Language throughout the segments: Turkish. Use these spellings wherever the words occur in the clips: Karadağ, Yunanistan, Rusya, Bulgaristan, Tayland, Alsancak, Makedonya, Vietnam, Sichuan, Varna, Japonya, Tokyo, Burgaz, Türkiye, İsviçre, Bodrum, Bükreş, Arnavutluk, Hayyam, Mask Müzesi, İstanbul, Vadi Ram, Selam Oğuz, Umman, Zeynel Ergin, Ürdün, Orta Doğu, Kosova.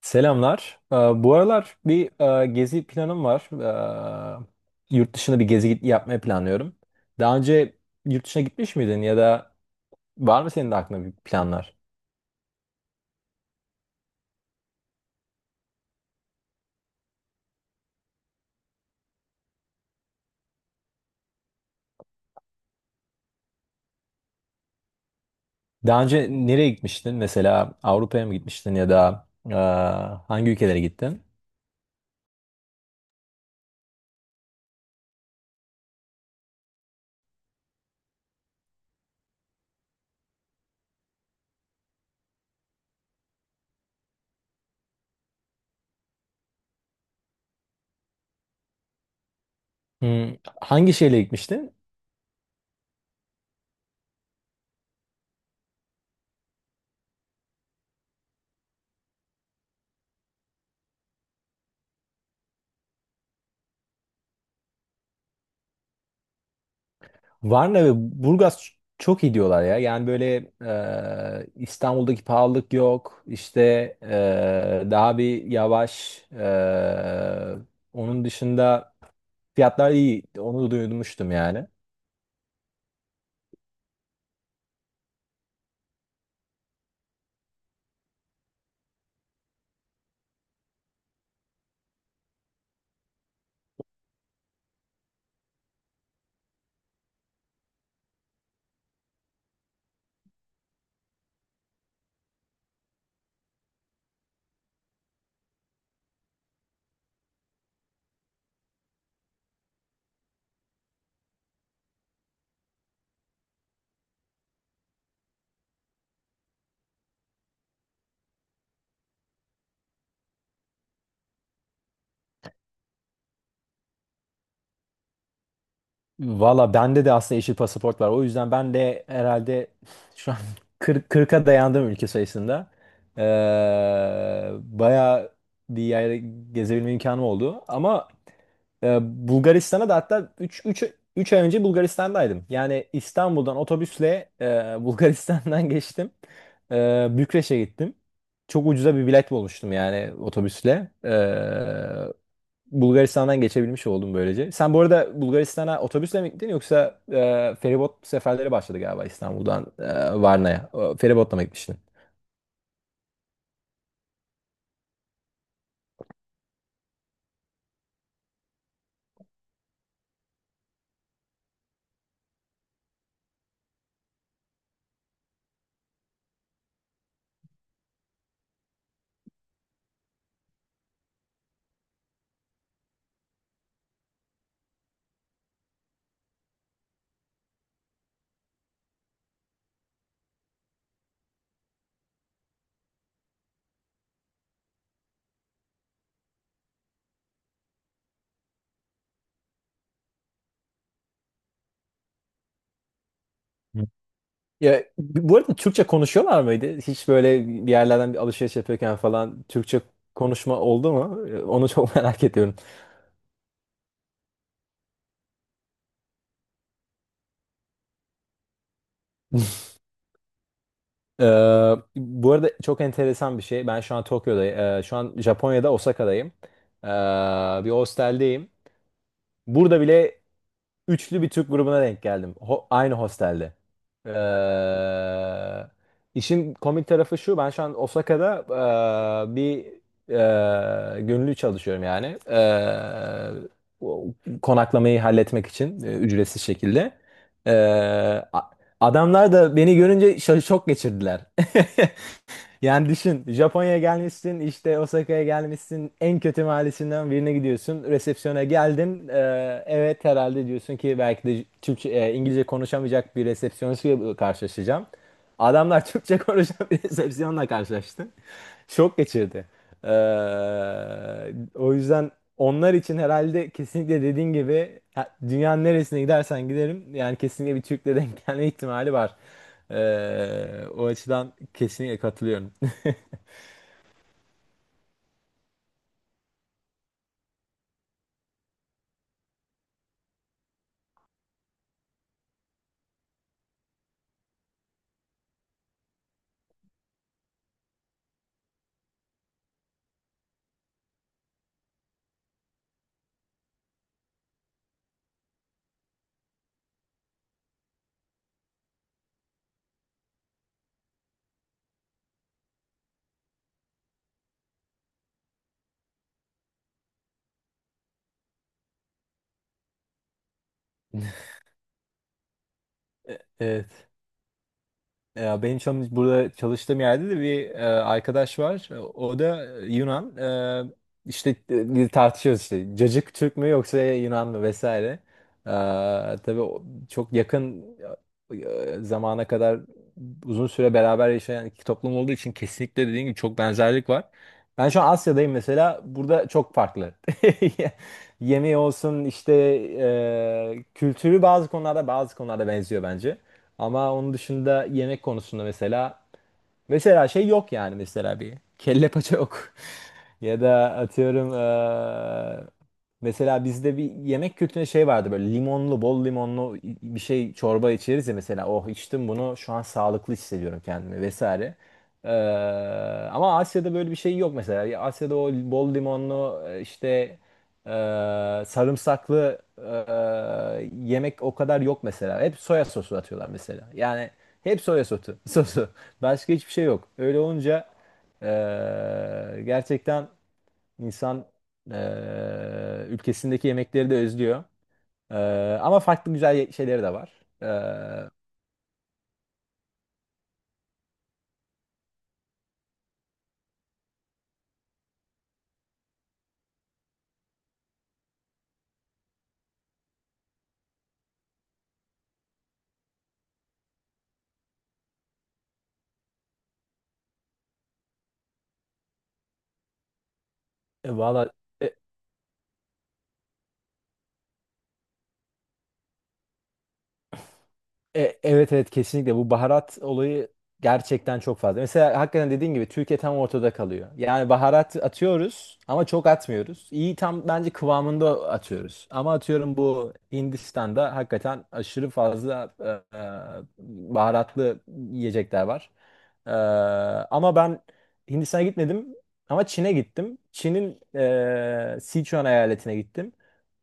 Selamlar. Bu aralar bir gezi planım var. Yurt dışına yapmayı planlıyorum. Daha önce yurt dışına gitmiş miydin ya da var mı senin de aklında bir planlar? Daha önce nereye gitmiştin? Mesela Avrupa'ya mı gitmiştin ya da hangi ülkelere gittin? Hmm, hangi şehirle gitmiştin? Varna ve Burgaz çok iyi diyorlar ya. Yani böyle İstanbul'daki pahalılık yok. İşte daha bir yavaş. Onun dışında fiyatlar iyi. Onu duymuştum yani. Valla bende de aslında yeşil pasaport var. O yüzden ben de herhalde şu an 40, 40'a dayandım ülke sayısında. Ee, Bayağı bir yere gezebilme imkanım oldu. Ama e, Bulgaristan'a da hatta 3 ay önce Bulgaristan'daydım. Yani İstanbul'dan otobüsle Bulgaristan'dan geçtim. Bükreş'e gittim. Çok ucuza bir bilet bulmuştum yani otobüsle. Bulgaristan'dan geçebilmiş oldum böylece. Sen bu arada Bulgaristan'a otobüsle mi gittin yoksa feribot seferleri başladı galiba İstanbul'dan Varna'ya. O, feribotla mı gitmiştin? Hı. Ya, bu arada Türkçe konuşuyorlar mıydı? Hiç böyle bir yerlerden bir alışveriş yapıyorken falan Türkçe konuşma oldu mu? E, onu çok merak ediyorum. Ee, Bu arada çok enteresan bir şey. Ben şu an Tokyo'dayım. Şu an Japonya'da Osaka'dayım. Ee, Bir hosteldeyim. Burada bile üçlü bir Türk grubuna denk geldim. Aynı hostelde. Ee, işin komik tarafı şu. Ben şu an Osaka'da bir gönüllü çalışıyorum yani. O- Konaklamayı halletmek için ücretsiz şekilde. Ee, a- Adamlar da beni görünce şok geçirdiler. Yani düşün, Japonya'ya gelmişsin, işte Osaka'ya gelmişsin, en kötü mahallesinden birine gidiyorsun, resepsiyona geldin. Evet, herhalde diyorsun ki belki de İngilizce konuşamayacak bir resepsiyonistle karşılaşacağım. Adamlar Türkçe konuşan bir resepsiyonla karşılaştı. Şok geçirdi. O yüzden onlar için herhalde kesinlikle dediğin gibi dünyanın neresine gidersen giderim yani kesinlikle bir Türk'le denk gelme ihtimali var. O açıdan kesinlikle katılıyorum. Evet. Ya benim çalış burada çalıştığım yerde de bir arkadaş var. O da Yunan. E, işte biz tartışıyoruz işte. Cacık Türk mü yoksa Yunan mı vesaire. E, tabii çok yakın zamana kadar uzun süre beraber yaşayan iki toplum olduğu için kesinlikle dediğim gibi çok benzerlik var. Ben şu an Asya'dayım mesela. Burada çok farklı. Yemeği olsun, işte kültürü, bazı konularda benziyor bence. Ama onun dışında yemek konusunda mesela, mesela şey yok yani, mesela bir kelle paça yok. Ya da atıyorum, e, mesela bizde bir yemek kültüründe şey vardı, böyle limonlu, bol limonlu bir şey çorba içeriz ya mesela. Oh, içtim bunu, şu an sağlıklı hissediyorum kendimi vesaire. Ee, Ama Asya'da böyle bir şey yok mesela. Ya Asya'da o bol limonlu işte e, sarımsaklı yemek o kadar yok mesela. Hep soya sosu atıyorlar mesela. Yani hep soya sosu, sosu. Başka hiçbir şey yok. Öyle olunca e, gerçekten İnsan ülkesindeki yemekleri de özlüyor. Ama farklı güzel şeyleri de var. E, valla e, evet, evet, kesinlikle bu baharat olayı gerçekten çok fazla. Mesela hakikaten dediğin gibi Türkiye tam ortada kalıyor. Yani baharat atıyoruz ama çok atmıyoruz. İyi, tam bence kıvamında atıyoruz. Ama atıyorum, bu Hindistan'da hakikaten aşırı fazla baharatlı yiyecekler var. E, Ama ben Hindistan'a gitmedim ama Çin'e gittim. Çin'in Sichuan eyaletine gittim.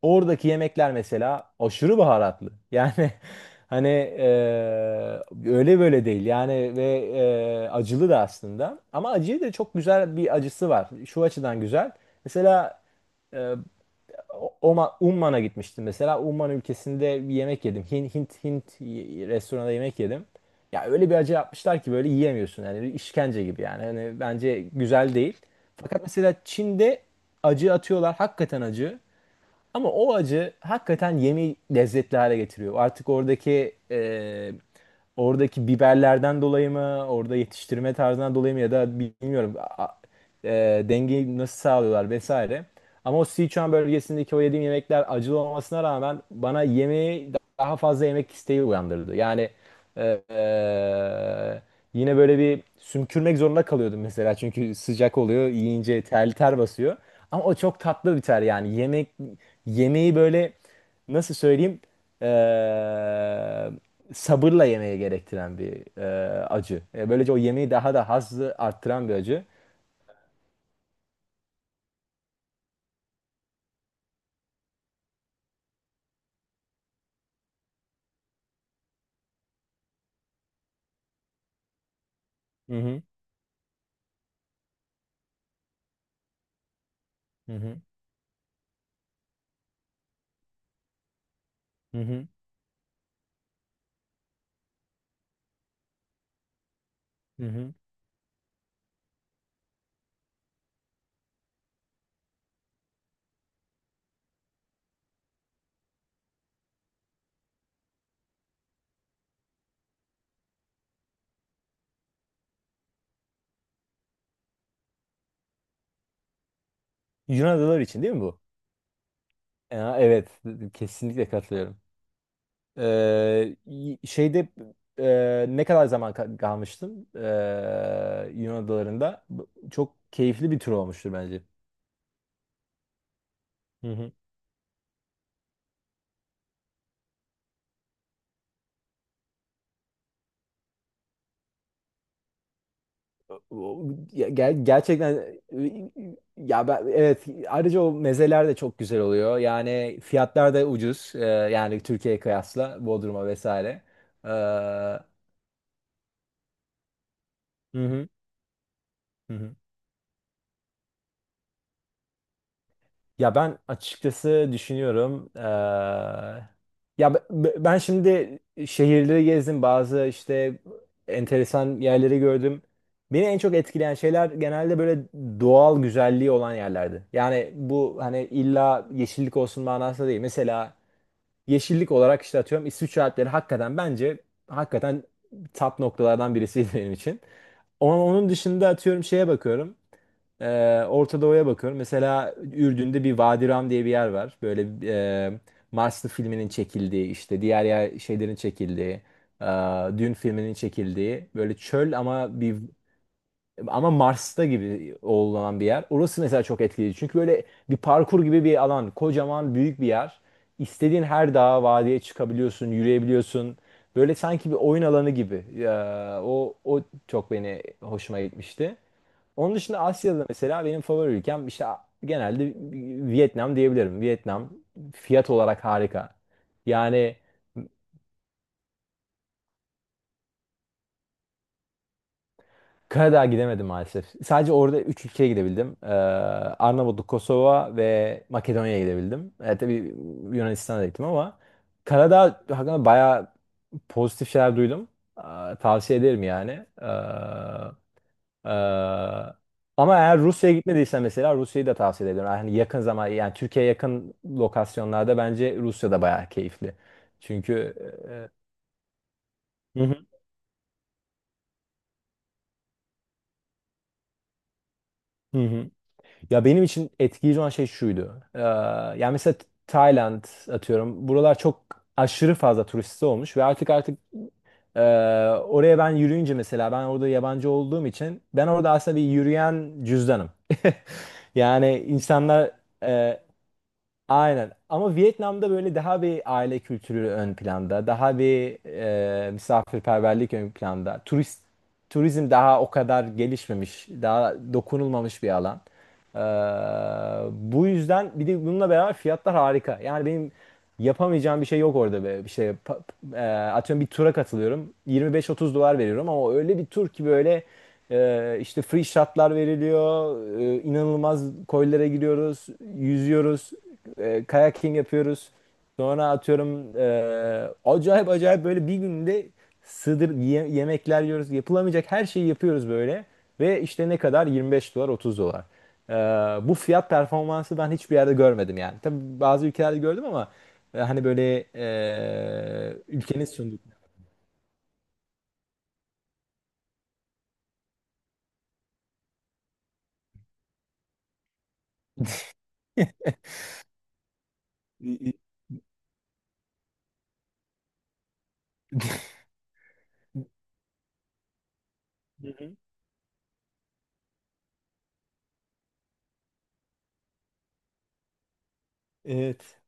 Oradaki yemekler mesela aşırı baharatlı. Yani hani öyle böyle değil. Yani ve acılı da aslında. Ama acıyı da, çok güzel bir acısı var. Şu açıdan güzel. Mesela eee, Umman'a gitmiştim mesela. Umman ülkesinde bir yemek yedim. Hint restoranda yemek yedim. Ya öyle bir acı yapmışlar ki böyle yiyemiyorsun. Yani işkence gibi yani. Hani bence güzel değil. Fakat mesela Çin'de acı atıyorlar. Hakikaten acı. Ama o acı hakikaten yemeği lezzetli hale getiriyor. Artık oradaki oradaki biberlerden dolayı mı, orada yetiştirme tarzından dolayı mı ya da bilmiyorum, e, dengeyi nasıl sağlıyorlar vesaire. Ama o Sichuan bölgesindeki o yediğim yemekler acılı olmasına rağmen bana yemeği daha fazla yemek isteği uyandırdı. Yani ee, yine böyle bir sümkürmek zorunda kalıyordum mesela çünkü sıcak oluyor, yiyince ter ter basıyor. Ama o çok tatlı bir ter, yani yemeği böyle, nasıl söyleyeyim, sabırla yemeye gerektiren bir acı. Böylece o yemeği daha da hazzı arttıran bir acı. Hı hı. Hı hı. Hı hı. Hı hı. Yunan adaları için değil mi bu? Ya, evet, kesinlikle katılıyorum. Şeyde ne kadar zaman kalmıştım Yunan adalarında. Çok keyifli bir tur olmuştur bence. Hı hı. O- Gerçekten ya ben, evet, ayrıca o mezeler de çok güzel oluyor. Yani fiyatlar da ucuz. Yani Türkiye'ye kıyasla Bodrum'a vesaire. Hı hı. Hı hı. Ya ben açıkçası düşünüyorum. Ben şimdi şehirleri gezdim, bazı işte enteresan yerleri gördüm. Beni en çok etkileyen şeyler genelde böyle doğal güzelliği olan yerlerdi. Yani bu hani illa yeşillik olsun manasında değil. Mesela yeşillik olarak işte atıyorum İsviçre Alpleri hakikaten bence hakikaten top noktalardan birisiydi benim için. Ama onun dışında atıyorum, şeye bakıyorum. Orta Doğu'ya bakıyorum. Mesela Ürdün'de bir Vadi Ram diye bir yer var. Böyle e, Marslı filminin çekildiği, işte diğer yer, şeylerin çekildiği, e, Dün filminin çekildiği, böyle çöl ama ama Mars'ta gibi olan bir yer. Orası mesela çok etkileyici. Çünkü böyle bir parkur gibi bir alan. Kocaman, büyük bir yer. İstediğin her dağa, vadiye çıkabiliyorsun, yürüyebiliyorsun. Böyle sanki bir oyun alanı gibi. O çok beni hoşuma gitmişti. Onun dışında Asya'da mesela benim favori ülkem işte genelde Vietnam diyebilirim. Vietnam fiyat olarak harika. Yani Karadağ'a gidemedim maalesef. Sadece orada 3 ülkeye gidebildim. Arnavutluk, Kosova ve Makedonya'ya gidebildim. E, tabii Yunanistan'a da gittim ama Karadağ hakkında bayağı pozitif şeyler duydum. Ee, Tavsiye ederim yani. E, Ama eğer Rusya'ya gitmediysen mesela Rusya'yı da tavsiye ederim. Yani yakın zaman, yani Türkiye'ye yakın lokasyonlarda bence Rusya da bayağı keyifli. Çünkü hı hı. Hı hı. Ya benim için etkileyici olan şey şuydu. Yani mesela Tayland atıyorum. Buralar çok aşırı fazla turisti olmuş ve e, oraya ben yürüyünce mesela, ben orada yabancı olduğum için ben orada aslında bir yürüyen cüzdanım. Yani insanlar, e, aynen. Ama Vietnam'da böyle daha bir aile kültürü ön planda, daha bir misafirperverlik ön planda. Turizm daha o kadar gelişmemiş, daha dokunulmamış bir alan. Ee, Bu yüzden bir de bununla beraber fiyatlar harika. Yani benim yapamayacağım bir şey yok orada be. Atıyorum, bir tura katılıyorum. 25-30 dolar veriyorum ama o öyle bir tur ki böyle işte free shotlar veriliyor. E, inanılmaz koylara giriyoruz, yüzüyoruz, kayaking yapıyoruz. Sonra atıyorum acayip acayip böyle bir günde sığdır yemekler yiyoruz. Yapılamayacak her şeyi yapıyoruz böyle. Ve işte ne kadar? 25 dolar, 30 dolar. Ee, Bu fiyat performansı ben hiçbir yerde görmedim yani. Tabii bazı ülkelerde gördüm ama hani böyle ülkenin sunduğu. Hı hı. Evet.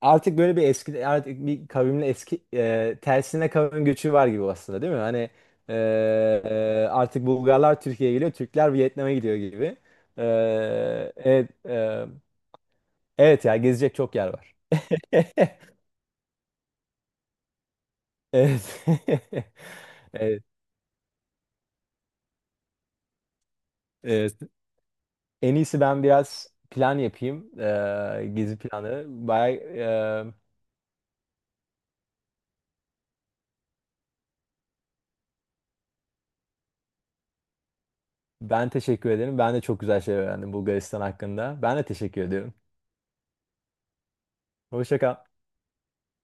Artık böyle bir kavimle eski, tersine kavim göçü var gibi aslında, değil mi? Hani e, artık Bulgarlar Türkiye'ye geliyor, Türkler Vietnam'a gidiyor gibi. E, evet, evet ya, gezecek çok yer var. Evet. Evet. Evet. En iyisi ben biraz plan yapayım. Gezi planı. Bay, e, ben teşekkür ederim. Ben de çok güzel şey öğrendim Bulgaristan hakkında. Ben de teşekkür ediyorum. Hoşça kal.